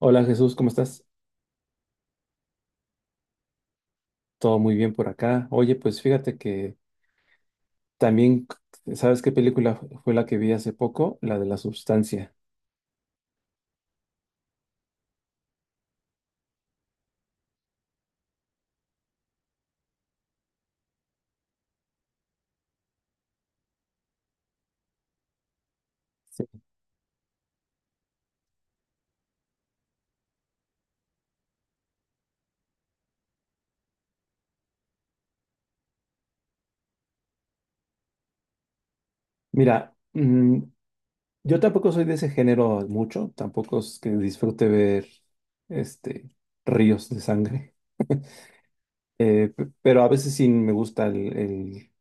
Hola Jesús, ¿cómo estás? Todo muy bien por acá. Oye, pues fíjate que también, ¿sabes qué película fue la que vi hace poco? La de la sustancia. Sí. Mira, yo tampoco soy de ese género mucho, tampoco es que disfrute ver este, ríos de sangre. Pero a veces sí me gusta el, el-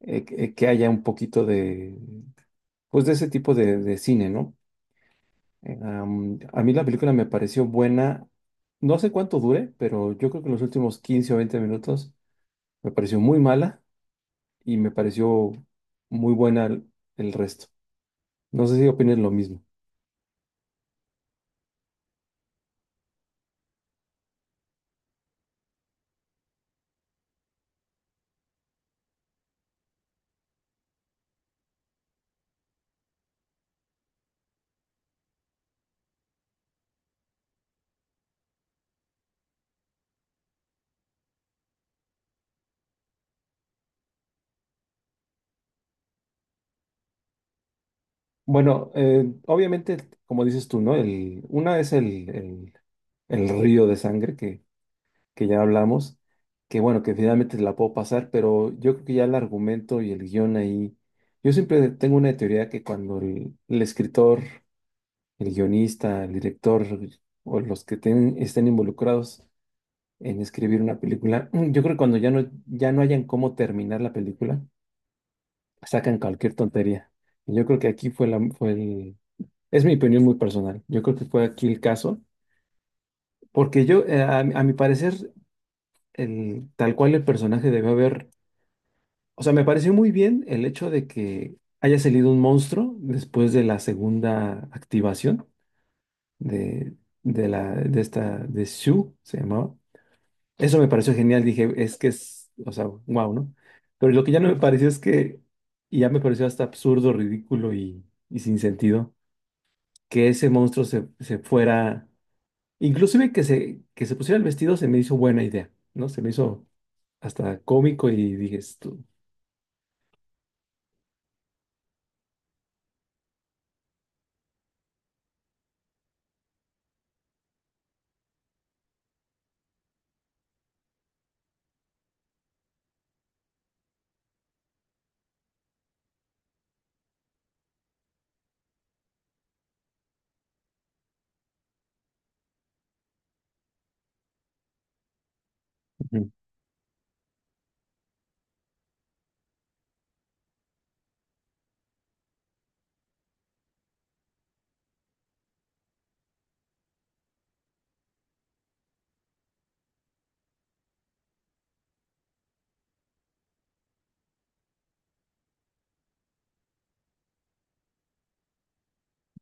eh, que eh, que haya un poquito de, pues de ese tipo de cine, ¿no? A mí la película me pareció buena. No sé cuánto dure, pero yo creo que en los últimos 15 o 20 minutos me pareció muy mala y me pareció muy buena el resto. No sé si opinas lo mismo. Bueno, obviamente, como dices tú, ¿no? Una es el río de sangre que ya hablamos, que bueno, que finalmente la puedo pasar, pero yo creo que ya el argumento y el guión ahí, yo siempre tengo una teoría que cuando el escritor, el guionista, el director o los que estén involucrados en escribir una película, yo creo que cuando ya no hayan cómo terminar la película, sacan cualquier tontería. Y yo creo que aquí fue la, fue el, es mi opinión muy personal. Yo creo que fue aquí el caso, porque yo, a mi parecer, tal cual el personaje debió haber, o sea, me pareció muy bien el hecho de que haya salido un monstruo después de la segunda activación de, de la, de esta, de Sue, se llamaba. Eso me pareció genial, dije, es que es, o sea, wow, ¿no? Pero lo que ya no me pareció es que, y ya me pareció hasta absurdo, ridículo y sin sentido, que ese monstruo se fuera, inclusive que se pusiera el vestido se me hizo buena idea, ¿no? Se me hizo hasta cómico y dije, esto. Ujú,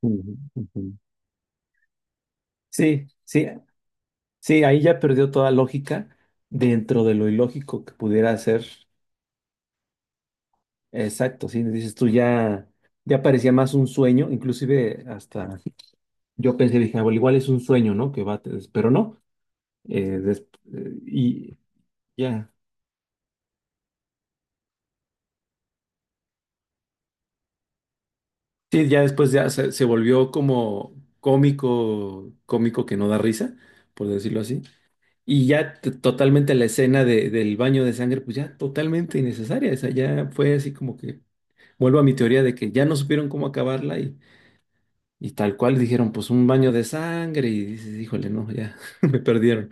ujú, ujú. Sí, sí, sí, ahí ya perdió toda lógica dentro de lo ilógico que pudiera ser. Exacto, sí, dices tú ya parecía más un sueño, inclusive hasta... Yo pensé, dije, "Ah, bueno, igual es un sueño, ¿no? Que va, pero no. eh, des- y ya. Sí, ya después ya se volvió como cómico, cómico que no da risa, por decirlo así. Y ya totalmente la escena del baño de sangre, pues ya totalmente innecesaria. Esa ya fue así como que, vuelvo a mi teoría de que ya no supieron cómo acabarla, y tal cual dijeron, pues un baño de sangre y dices, híjole, no, ya me perdieron.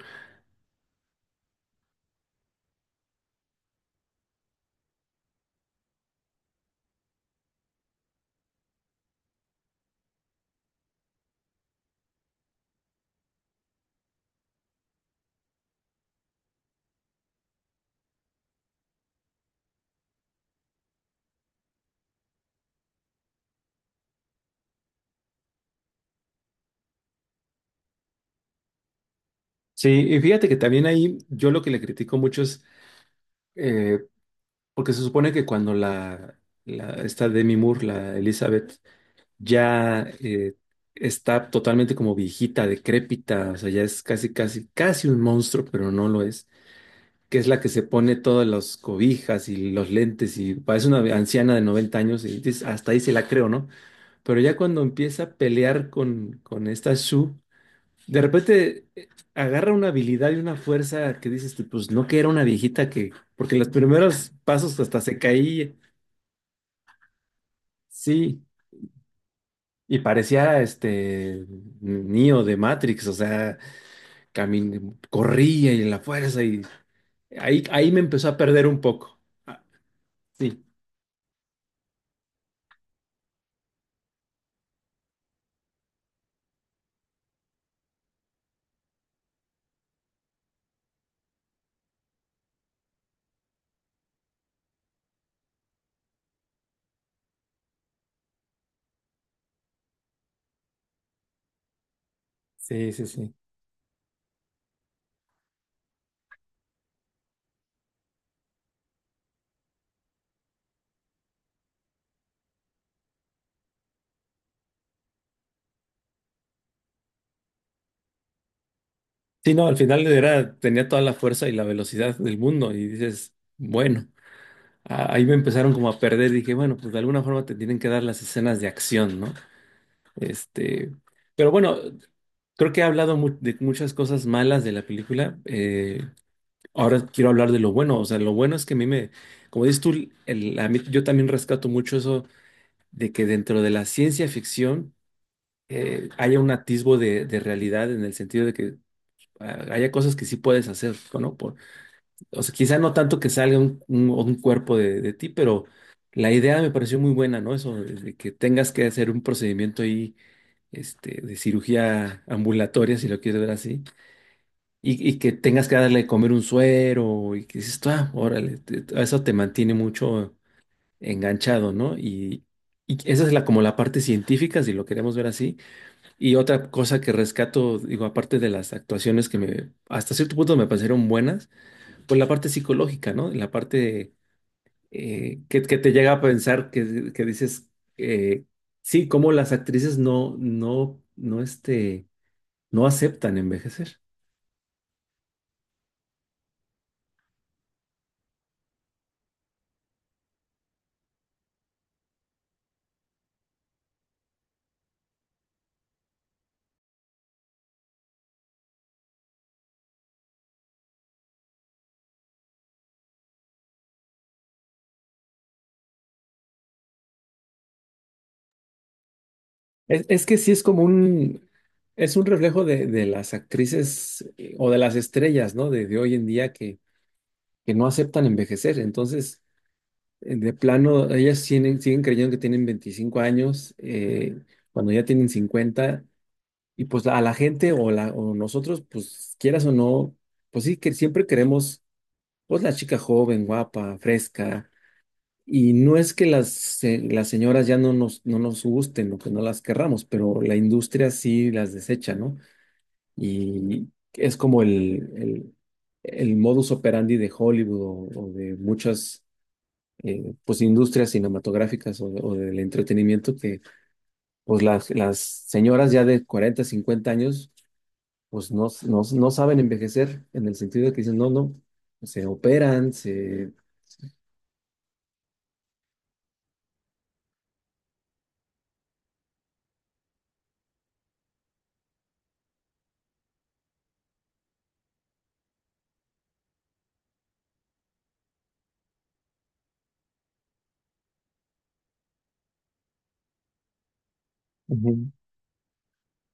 Sí, y fíjate que también ahí yo lo que le critico mucho es, eh, porque se supone que cuando la esta Demi Moore, la Elizabeth, ya está totalmente como viejita, decrépita, o sea, ya es casi, casi, casi un monstruo, pero no lo es, que es la que se pone todas las cobijas y los lentes y parece una anciana de 90 años y dices, hasta ahí se la creo, ¿no? Pero ya cuando empieza a pelear con esta Sue, de repente agarra una habilidad y una fuerza que dices, tú, pues no que era una viejita que, porque los primeros pasos hasta se caía. Sí, y parecía este Neo de Matrix, o sea, camin corría y la fuerza y ahí me empezó a perder un poco. Ah, sí, sí, sí, sí. Sí, no, al final era, tenía toda la fuerza y la velocidad del mundo y dices, bueno, ahí me empezaron como a perder, dije, bueno, pues de alguna forma te tienen que dar las escenas de acción, ¿no? Este, pero bueno, creo que he hablado de muchas cosas malas de la película. Ahora quiero hablar de lo bueno, o sea, lo bueno es que a mí me, como dices tú, yo también rescato mucho eso de que dentro de la ciencia ficción, haya un atisbo de realidad en el sentido de que haya cosas que sí puedes hacer, ¿no? O sea, quizá no tanto que salga un cuerpo de ti, pero la idea me pareció muy buena, ¿no? Eso de que tengas que hacer un procedimiento ahí, de cirugía ambulatoria, si lo quieres ver así, y que tengas que darle de comer un suero y que dices, tú, ah, órale, eso te mantiene mucho enganchado, ¿no? Y esa es como la parte científica, si lo queremos ver así. Y otra cosa que rescato, digo, aparte de las actuaciones que me, hasta cierto punto me parecieron buenas, pues la parte psicológica, ¿no? La parte que te llega a pensar, que dices, eh, sí, como las actrices no aceptan envejecer. Es que sí es como un, es un reflejo de las actrices, o de las estrellas, ¿no? De hoy en día que no aceptan envejecer. Entonces, de plano, ellas siguen creyendo que tienen 25 años, cuando ya tienen 50, y pues a la gente o, la, o nosotros, pues quieras o no, pues sí, que siempre queremos, pues la chica joven, guapa, fresca, y no es que las señoras ya no nos gusten o que no las querramos, pero la industria sí las desecha, ¿no? Y es como el modus operandi de Hollywood o de muchas, pues industrias cinematográficas o del entretenimiento, que pues las señoras ya de 40 50 años, pues no saben envejecer en el sentido de que dicen, no, no, se operan, se... Ujú.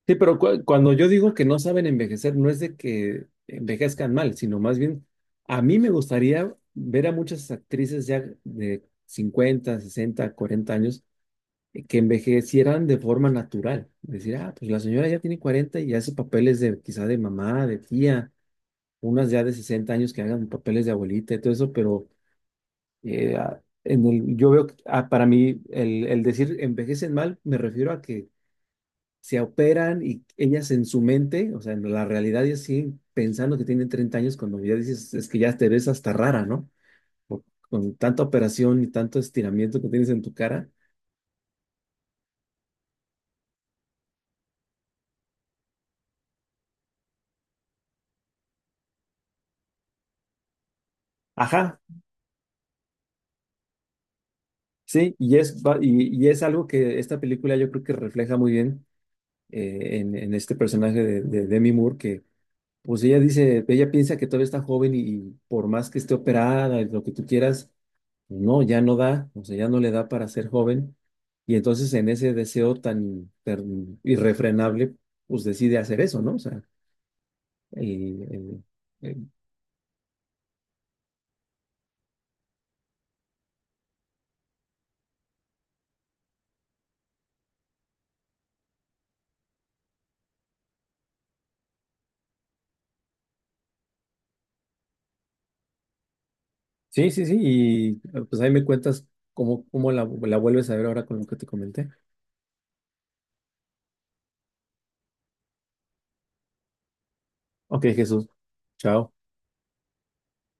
Sí, pero cuando yo digo que no saben envejecer, no es de que envejezcan mal, sino más bien, a mí me gustaría ver a muchas actrices ya de 50, 60, 40 años, que envejecieran de forma natural. Decir, ah, pues la señora ya tiene 40 y hace papeles de quizá de mamá, de tía, unas ya de 60 años que hagan papeles de abuelita y todo eso, pero en el, yo veo, que, para mí, el, decir envejecen mal, me refiero a que se operan y ellas en su mente, o sea, en la realidad, ellas siguen pensando que tienen 30 años cuando ya dices, es que ya te ves hasta rara, ¿no? Por- con tanta operación y tanto estiramiento que tienes en tu cara. Ajá, sí, y es algo que esta película yo creo que refleja muy bien, en este personaje de Demi Moore, que pues ella dice, ella piensa que todavía está joven y por más que esté operada, y lo que tú quieras, pues, no, ya no da, o sea, ya no le da para ser joven. Y entonces en ese deseo tan, tan irrefrenable, pues decide hacer eso, ¿no? O sea, y, eh, eh, sí, sí, sí, pues ahí me cuentas cómo la vuelves a ver ahora con lo que te comenté. Ok, Jesús, chao.